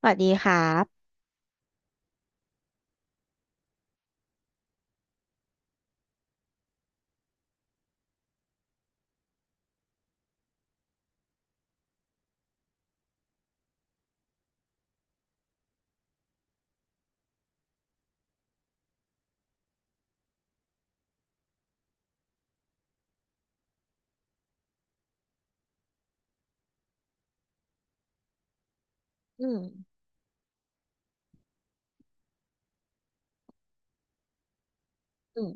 สวัสดีครับอืมอืม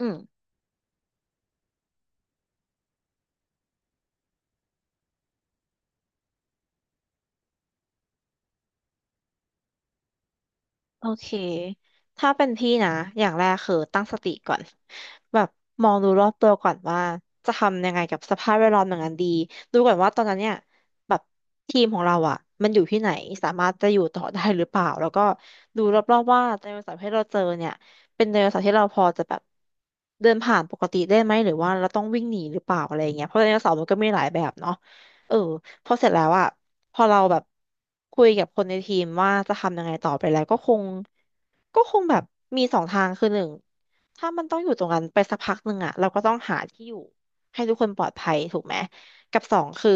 อืมโอเคถ้าเป็นพี่นะ อย่างแรกคือตั้งสติก่อนแบบมองดูรอบตัวก่อนว่าจะทำยังไงกับสภาพแวดล้อมอย่างนั้นดีดูก่อนว่าตอนนั้นเนี่ยแบบทีมของเราอ่ะมันอยู่ที่ไหนสามารถจะอยู่ต่อได้หรือเปล่าแล้วก็ดูรอบๆว่าไดโนเสาร์ที่เราเจอเนี่ยเป็นไดโนเสาร์ที่เราพอจะแบบเดินผ่านปกติได้ไหมหรือว่าเราต้องวิ่งหนีหรือเปล่าอะไรอย่างเงี้ยเพราะไดโนเสาร์มันก็มีหลายแบบเนาะเออ พอเสร็จแล้วอะพอเราแบบคุยกับคนในทีมว่าจะทำยังไงต่อไปแล้วก็คงก็คงแบบมีสองทางคือหนึ่งถ้ามันต้องอยู่ตรงนั้นไปสักพักหนึ่งอะเราก็ต้องหาที่อยู่ให้ทุกคนปลอดภัยถูกไหมกับสองคือ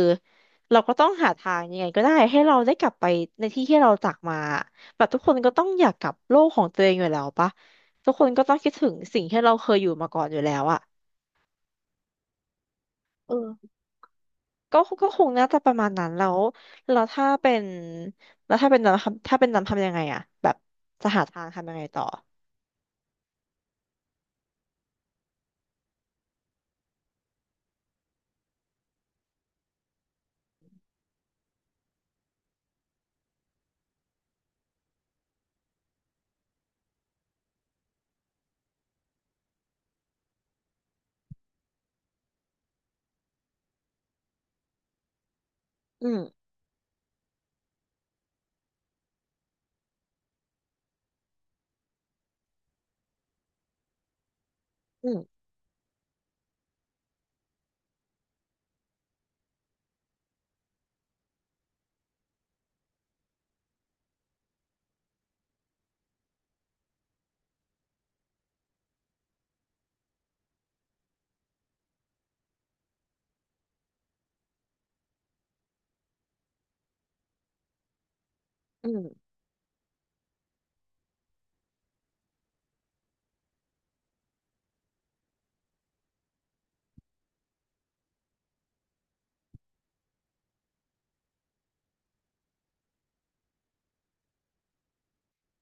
เราก็ต้องหาทางยังไงก็ได้ให้เราได้กลับไปในที่ที่เราจากมาแบบทุกคนก็ต้องอยากกลับโลกของตัวเองอยู่แล้วปะทุกคนก็ต้องคิดถึงสิ่งที่เราเคยอยู่มาก่อนอยู่แล้วอะเออ ก็คงน่าจะประมาณนั้นแล้วแล้วถ้าเป็นถ้าเป็นน้ำทำยังไงอะแบบจะหาทางทำยังไงต่ออืมอืมอืม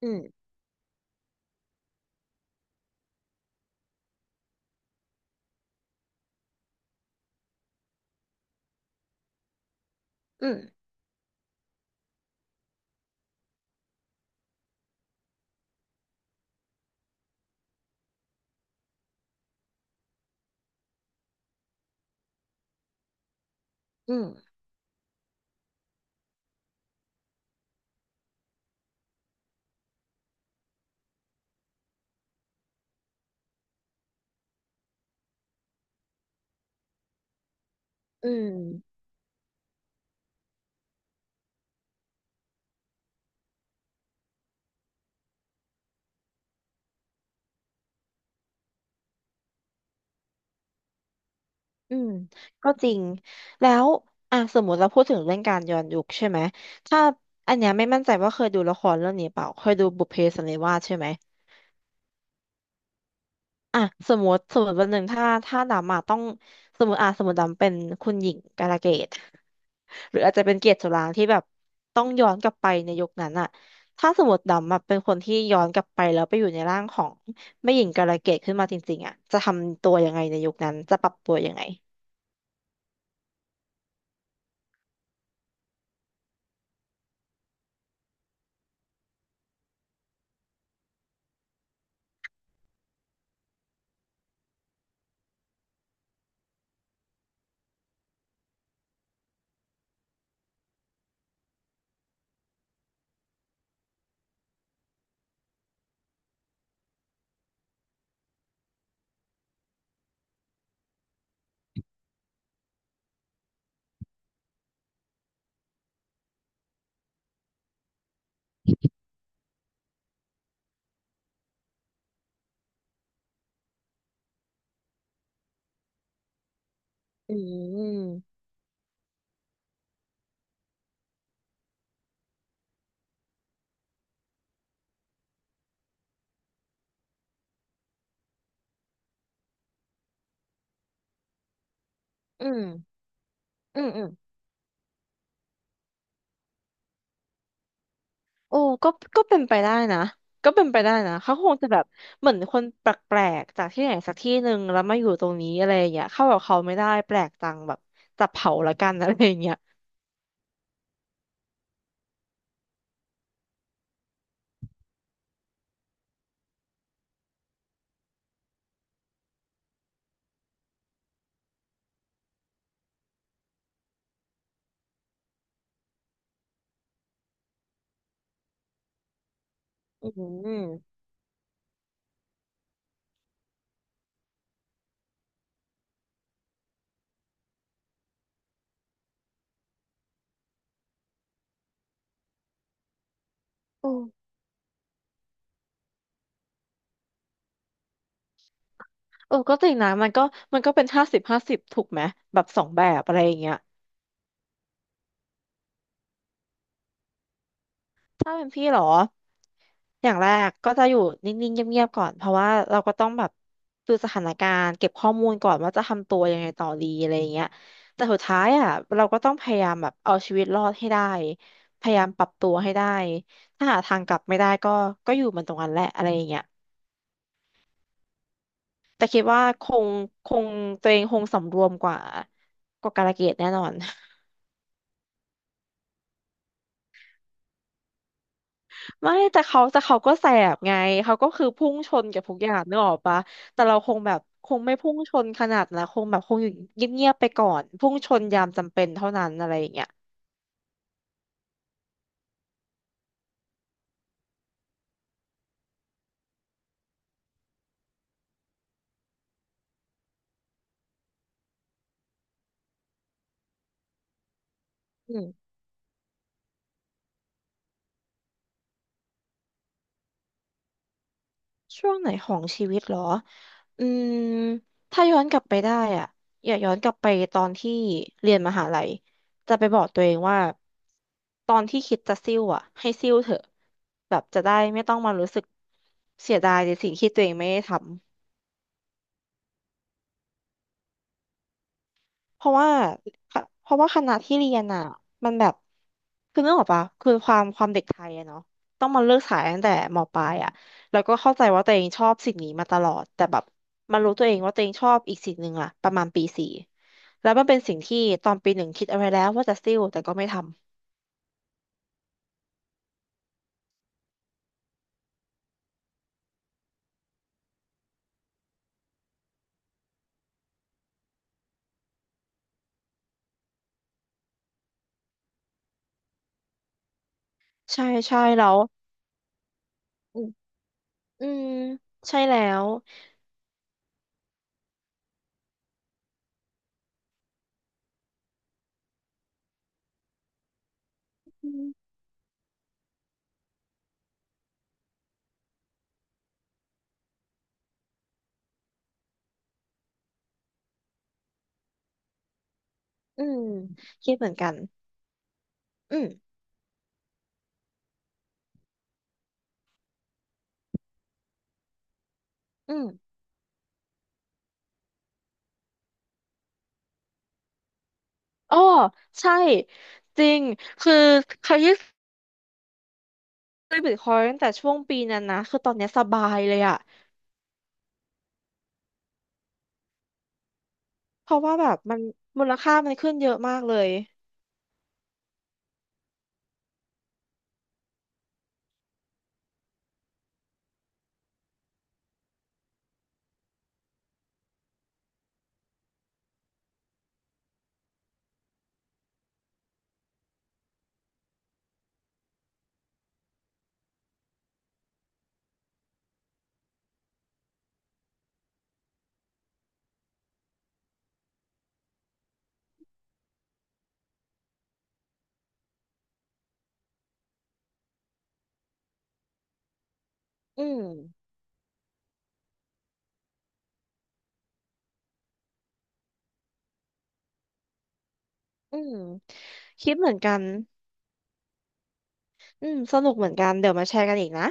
อืมอืมอืมอืมอืมก็จริงแล้วอ่ะสมมติเราพูดถึงเรื่องการย้อนยุคใช่ไหมถ้าอันเนี้ยไม่มั่นใจว่าเคยดูละครเรื่องนี้เปล่าเคยดูบุพเพสันนิวาสใช่ไหมอ่ะสมมติวันหนึ่งถ้าดำมาต้องสมมติอ่ะสมมติดำเป็นคุณหญิงกาลเกต หรืออาจจะเป็นเกียรติสุรางค์ที่แบบต้องย้อนกลับไปในยุคนั้นอะถ้าสมมติดำอะเป็นคนที่ย้อนกลับไปแล้วไปอยู่ในร่างของแม่หญิงกาลเกตขึ้นมาจริงๆอะจะทำตัวยังไงในยุคนั้นจะปรับตัวยังไงอืมอืมอืมอืมโอ้ก็ก็เป็นไปได้นะก็เป็นไปได้นะเขาคงจะแบบเหมือนคนแปลกๆจากที่ไหนสักที่หนึ่งแล้วมาอยู่ตรงนี้อะไรอย่างเงี้ยเข้ากับเขาไม่ได้แปลกจังแบบจับเผาละกันอะไรอย่างเงี้ยอืมโอ้ เออก็จริงนะมันก็เป็นห้าสิบห้าสิบถูกไหมแบบสองแบบอะไรอย่างเงี้ยถ้าเป็นพี่เหรออย่างแรกก็จะอยู่นิ่งๆเงียบๆก่อนเพราะว่าเราก็ต้องแบบดูสถานการณ์เก็บข้อมูลก่อนว่าจะทำตัวยังไงต่อดีอะไรอย่างเงี้ยแต่สุดท้ายอ่ะเราก็ต้องพยายามแบบเอาชีวิตรอดให้ได้พยายามปรับตัวให้ได้ถ้าหาทางกลับไม่ได้ก็ก็อยู่มันตรงนั้นแหละอะไรอย่างเงี้ยแต่คิดว่าคงคงตัวเองคงสำรวมกว่ากาลเกตแน่นอน ไม่แต่เขาก็แสบไงเขาก็คือพุ่งชนกับทุกอย่างนึกออกปะแต่เราคงแบบคงไม่พุ่งชนขนาดนะคงแบบคงอยู่เงียบๆไปก่อนพุ่งชนยามจำเป็นเท่านั้นอะไรอย่างเงี้ยอืมช่วงไหนของชีวิตเหรออืมถ้าย้อนกลับไปได้อ่ะอย่าย้อนกลับไปตอนที่เรียนมหาลัยจะไปบอกตัวเองว่าตอนที่คิดจะซิ่วอ่ะให้ซิ่วเถอะแบบจะได้ไม่ต้องมารู้สึกเสียดายในสิ่งที่ตัวเองไม่ได้ทำ เพราะว่าคเพราะว่าคณะที่เรียนอ่ะมันแบบคือนึกออกปะคือความความเด็กไทยอะเนาะต้องมาเลือกสายตั้งแต่มปลายอะแล้วก็เข้าใจว่าตัวเองชอบสิ่งนี้มาตลอดแต่แบบมารู้ตัวเองว่าตัวเองชอบอีกสิ่งหนึ่งอะประมาณปีสี่แล้วมันเป็นสิ่งที่ตอนปีหนึ่งคิดเอาไว้แล้วว่าจะซิ่วแต่ก็ไม่ทำใช่ใช่แล้วอืมอืมใช่แล้วอืมอืมคิดเหมือนกันอืมอืมอ๋อใช่จริงคือเคย ซื้อบิตคอยน์ตั้งแต่ช่วงปีนั้นนะคือตอนเนี้ยสบายเลยอะเพราะว่าแบบมันมูลค่ามันขึ้นเยอะมากเลยอืมอืมคิดเหมือนกันอืมสนุกเหมือนกันเดี๋ยวมาแชร์กันอีกนะ